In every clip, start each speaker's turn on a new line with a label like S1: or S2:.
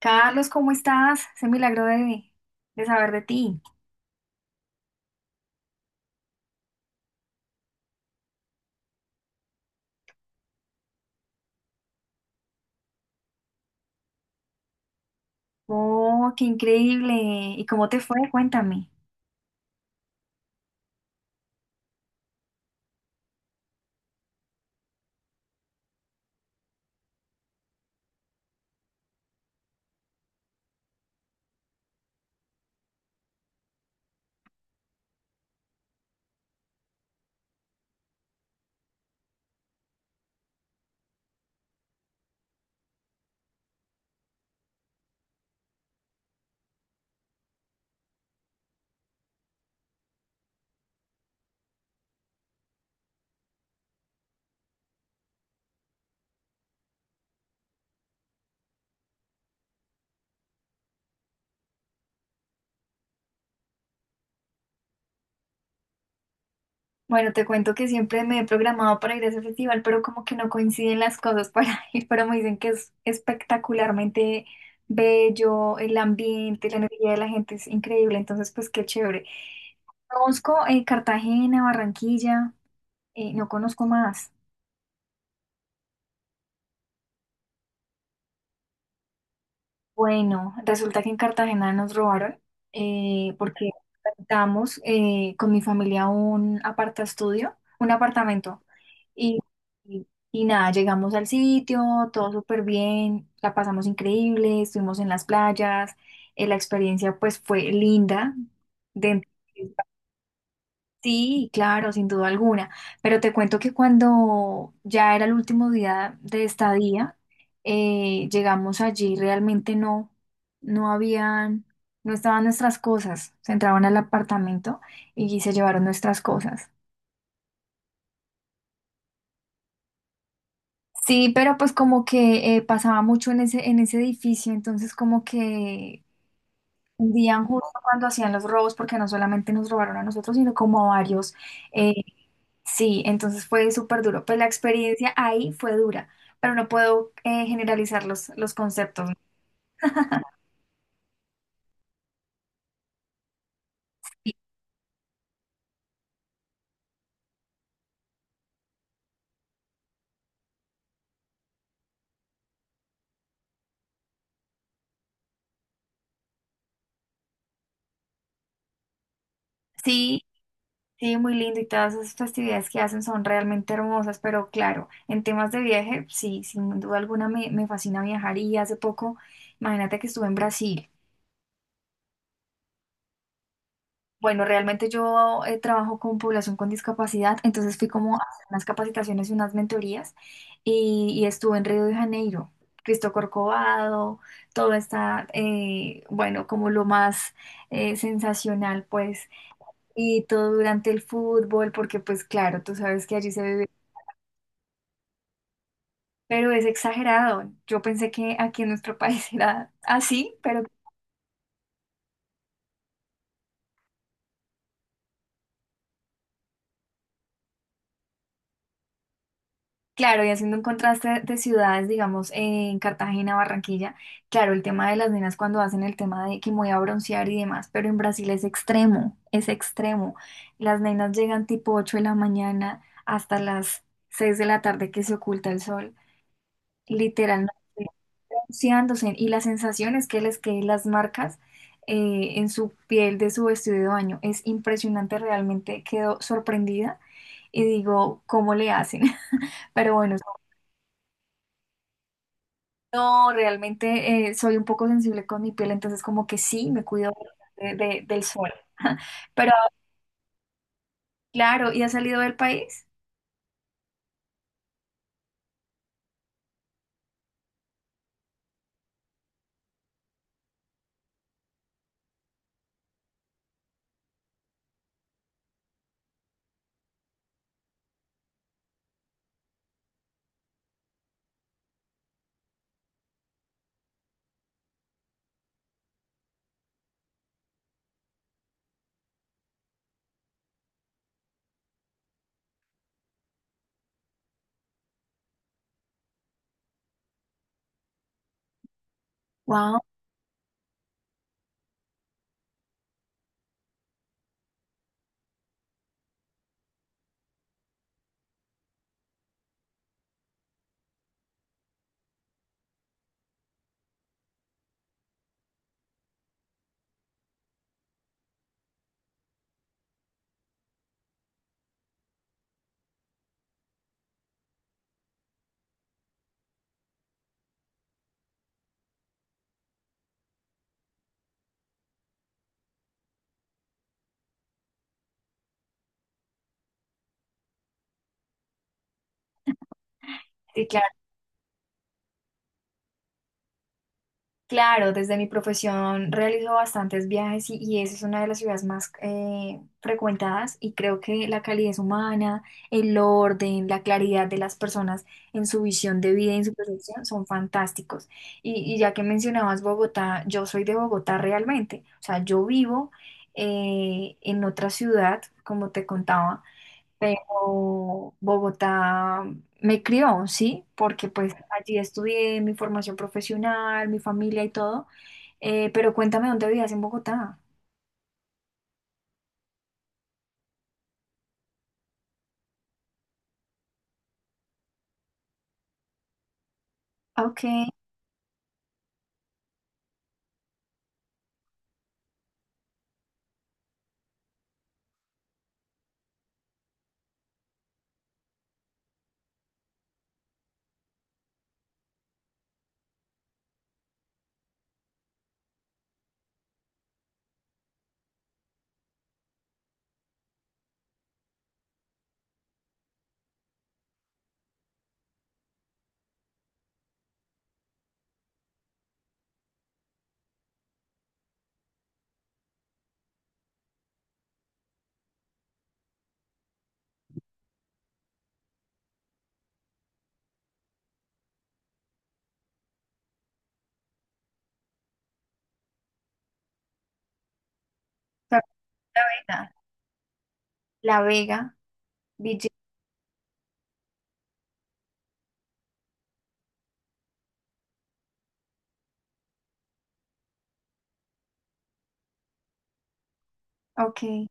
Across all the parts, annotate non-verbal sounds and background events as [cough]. S1: Carlos, ¿cómo estás? Se milagro de saber de ti. Oh, qué increíble. ¿Y cómo te fue? Cuéntame. Bueno, te cuento que siempre me he programado para ir a ese festival, pero como que no coinciden las cosas para [laughs] ir, pero me dicen que es espectacularmente bello, el ambiente, la energía de la gente es increíble, entonces pues qué chévere. Conozco Cartagena, Barranquilla, no conozco más. Bueno, resulta que en Cartagena nos robaron porque rentamos con mi familia un apartaestudio, un apartamento. Y, y, y nada, llegamos al sitio, todo súper bien, la pasamos increíble, estuvimos en las playas, la experiencia pues fue linda. Dentro. Sí, claro, sin duda alguna. Pero te cuento que cuando ya era el último día de estadía, llegamos allí, realmente no, no habían, no estaban nuestras cosas. Se entraban al apartamento y se llevaron nuestras cosas. Sí, pero pues como que pasaba mucho en ese edificio, entonces como que hundían justo cuando hacían los robos, porque no solamente nos robaron a nosotros, sino como a varios. eh, sí, entonces fue súper duro. Pues la experiencia ahí fue dura, pero no puedo generalizar los conceptos. Y sí, sí, muy lindo y todas esas festividades que hacen son realmente hermosas, pero claro, en temas de viaje, sí, sin duda alguna me fascina viajar y hace poco, imagínate que estuve en Brasil. Bueno, realmente yo trabajo con población con discapacidad, entonces fui como a hacer unas capacitaciones y unas mentorías y estuve en Río de Janeiro, Cristo Corcovado, todo está, bueno, como lo más sensacional, pues, y todo durante el fútbol, porque pues claro, tú sabes que allí se vive, pero es exagerado. Yo pensé que aquí en nuestro [laughs] país era así, pero claro, y haciendo un contraste de ciudades, digamos, en Cartagena, Barranquilla, claro, el tema de las nenas cuando hacen el tema de que me voy a broncear y demás, pero en Brasil es extremo, es extremo. Las nenas llegan tipo 8 de la mañana hasta las 6 de la tarde que se oculta el sol, literalmente bronceándose. Y la sensación es que les queden las marcas en su piel de su vestido de baño. Es impresionante, realmente quedo sorprendida y digo, ¿cómo le hacen? [laughs] Pero bueno, no, realmente soy un poco sensible con mi piel, entonces como que sí, me cuido del sol. [laughs] Pero claro, ¿y has salido del país? Wow. Claro, desde mi profesión realizo bastantes viajes y esa es una de las ciudades más frecuentadas y creo que la calidez humana, el orden, la claridad de las personas en su visión de vida y en su percepción son fantásticos. Y ya que mencionabas Bogotá, yo soy de Bogotá realmente, o sea, yo vivo en otra ciudad, como te contaba, pero Bogotá me crió, ¿sí? Porque pues allí estudié mi formación profesional, mi familia y todo. Pero cuéntame dónde vivías en Bogotá. Ah, ok. La Vega. La Vega, Ville-. Ok.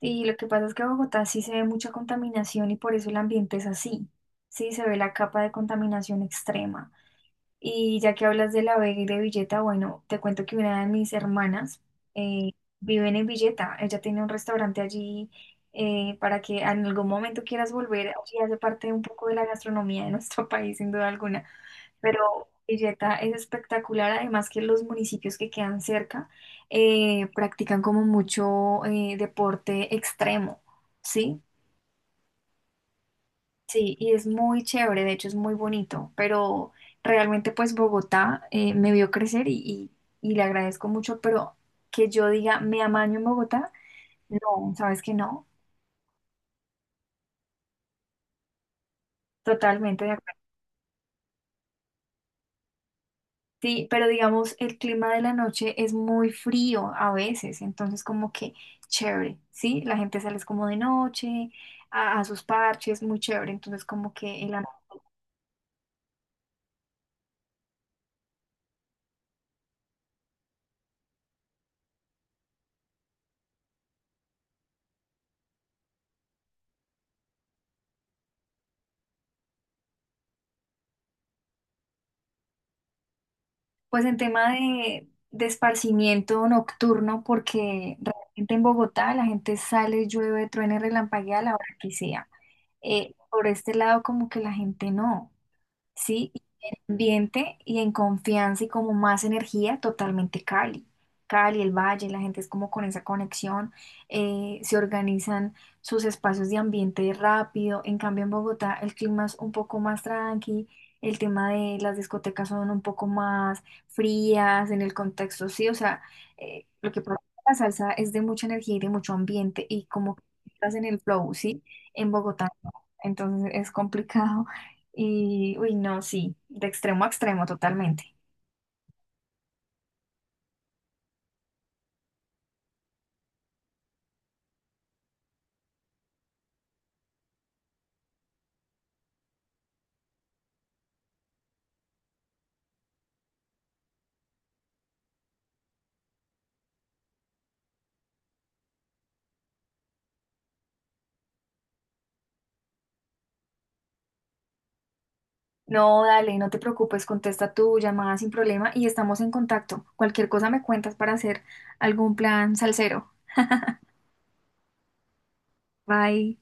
S1: Y lo que pasa es que en Bogotá sí se ve mucha contaminación y por eso el ambiente es así. Sí, se ve la capa de contaminación extrema. Y ya que hablas de La Vega y de Villeta, bueno, te cuento que una de mis hermanas eh, vive en Villeta. Ella tiene un restaurante allí para que en algún momento quieras volver. Allí hace parte un poco de la gastronomía de nuestro [laughs] país, sin duda alguna. Pero Villeta es espectacular, además que los municipios que quedan cerca practican como mucho deporte extremo, ¿sí? Sí, y es muy chévere, de hecho es muy bonito, pero realmente pues Bogotá me vio crecer y le agradezco mucho, pero que yo diga me amaño en Bogotá, no, sabes que no, totalmente de acuerdo. Sí, pero digamos el clima de la noche es muy frío a veces, entonces como que chévere, ¿sí? La gente sale es como de noche a sus parches, muy chévere, entonces como que el pues en tema de esparcimiento nocturno, porque realmente en Bogotá la gente sale, llueve, truene, relampaguea a la hora que sea. Por este lado como que la gente no. ¿Sí? Y en ambiente y en confianza y como más energía, totalmente Cali. Cali, el Valle, la gente es como con esa conexión, se organizan sus espacios de ambiente rápido. En cambio, en Bogotá el clima es un poco más tranqui, el tema de las discotecas son un poco más frías en el contexto, sí, o sea, lo que provoca la salsa es de mucha energía y de mucho ambiente y como que estás en el flow, sí, en Bogotá no. Entonces es complicado y, uy, no, sí, de extremo a extremo, totalmente. No, dale, no te preocupes, contesta tu llamada sin problema y estamos en contacto. Cualquier cosa me cuentas para hacer algún plan salsero. Bye.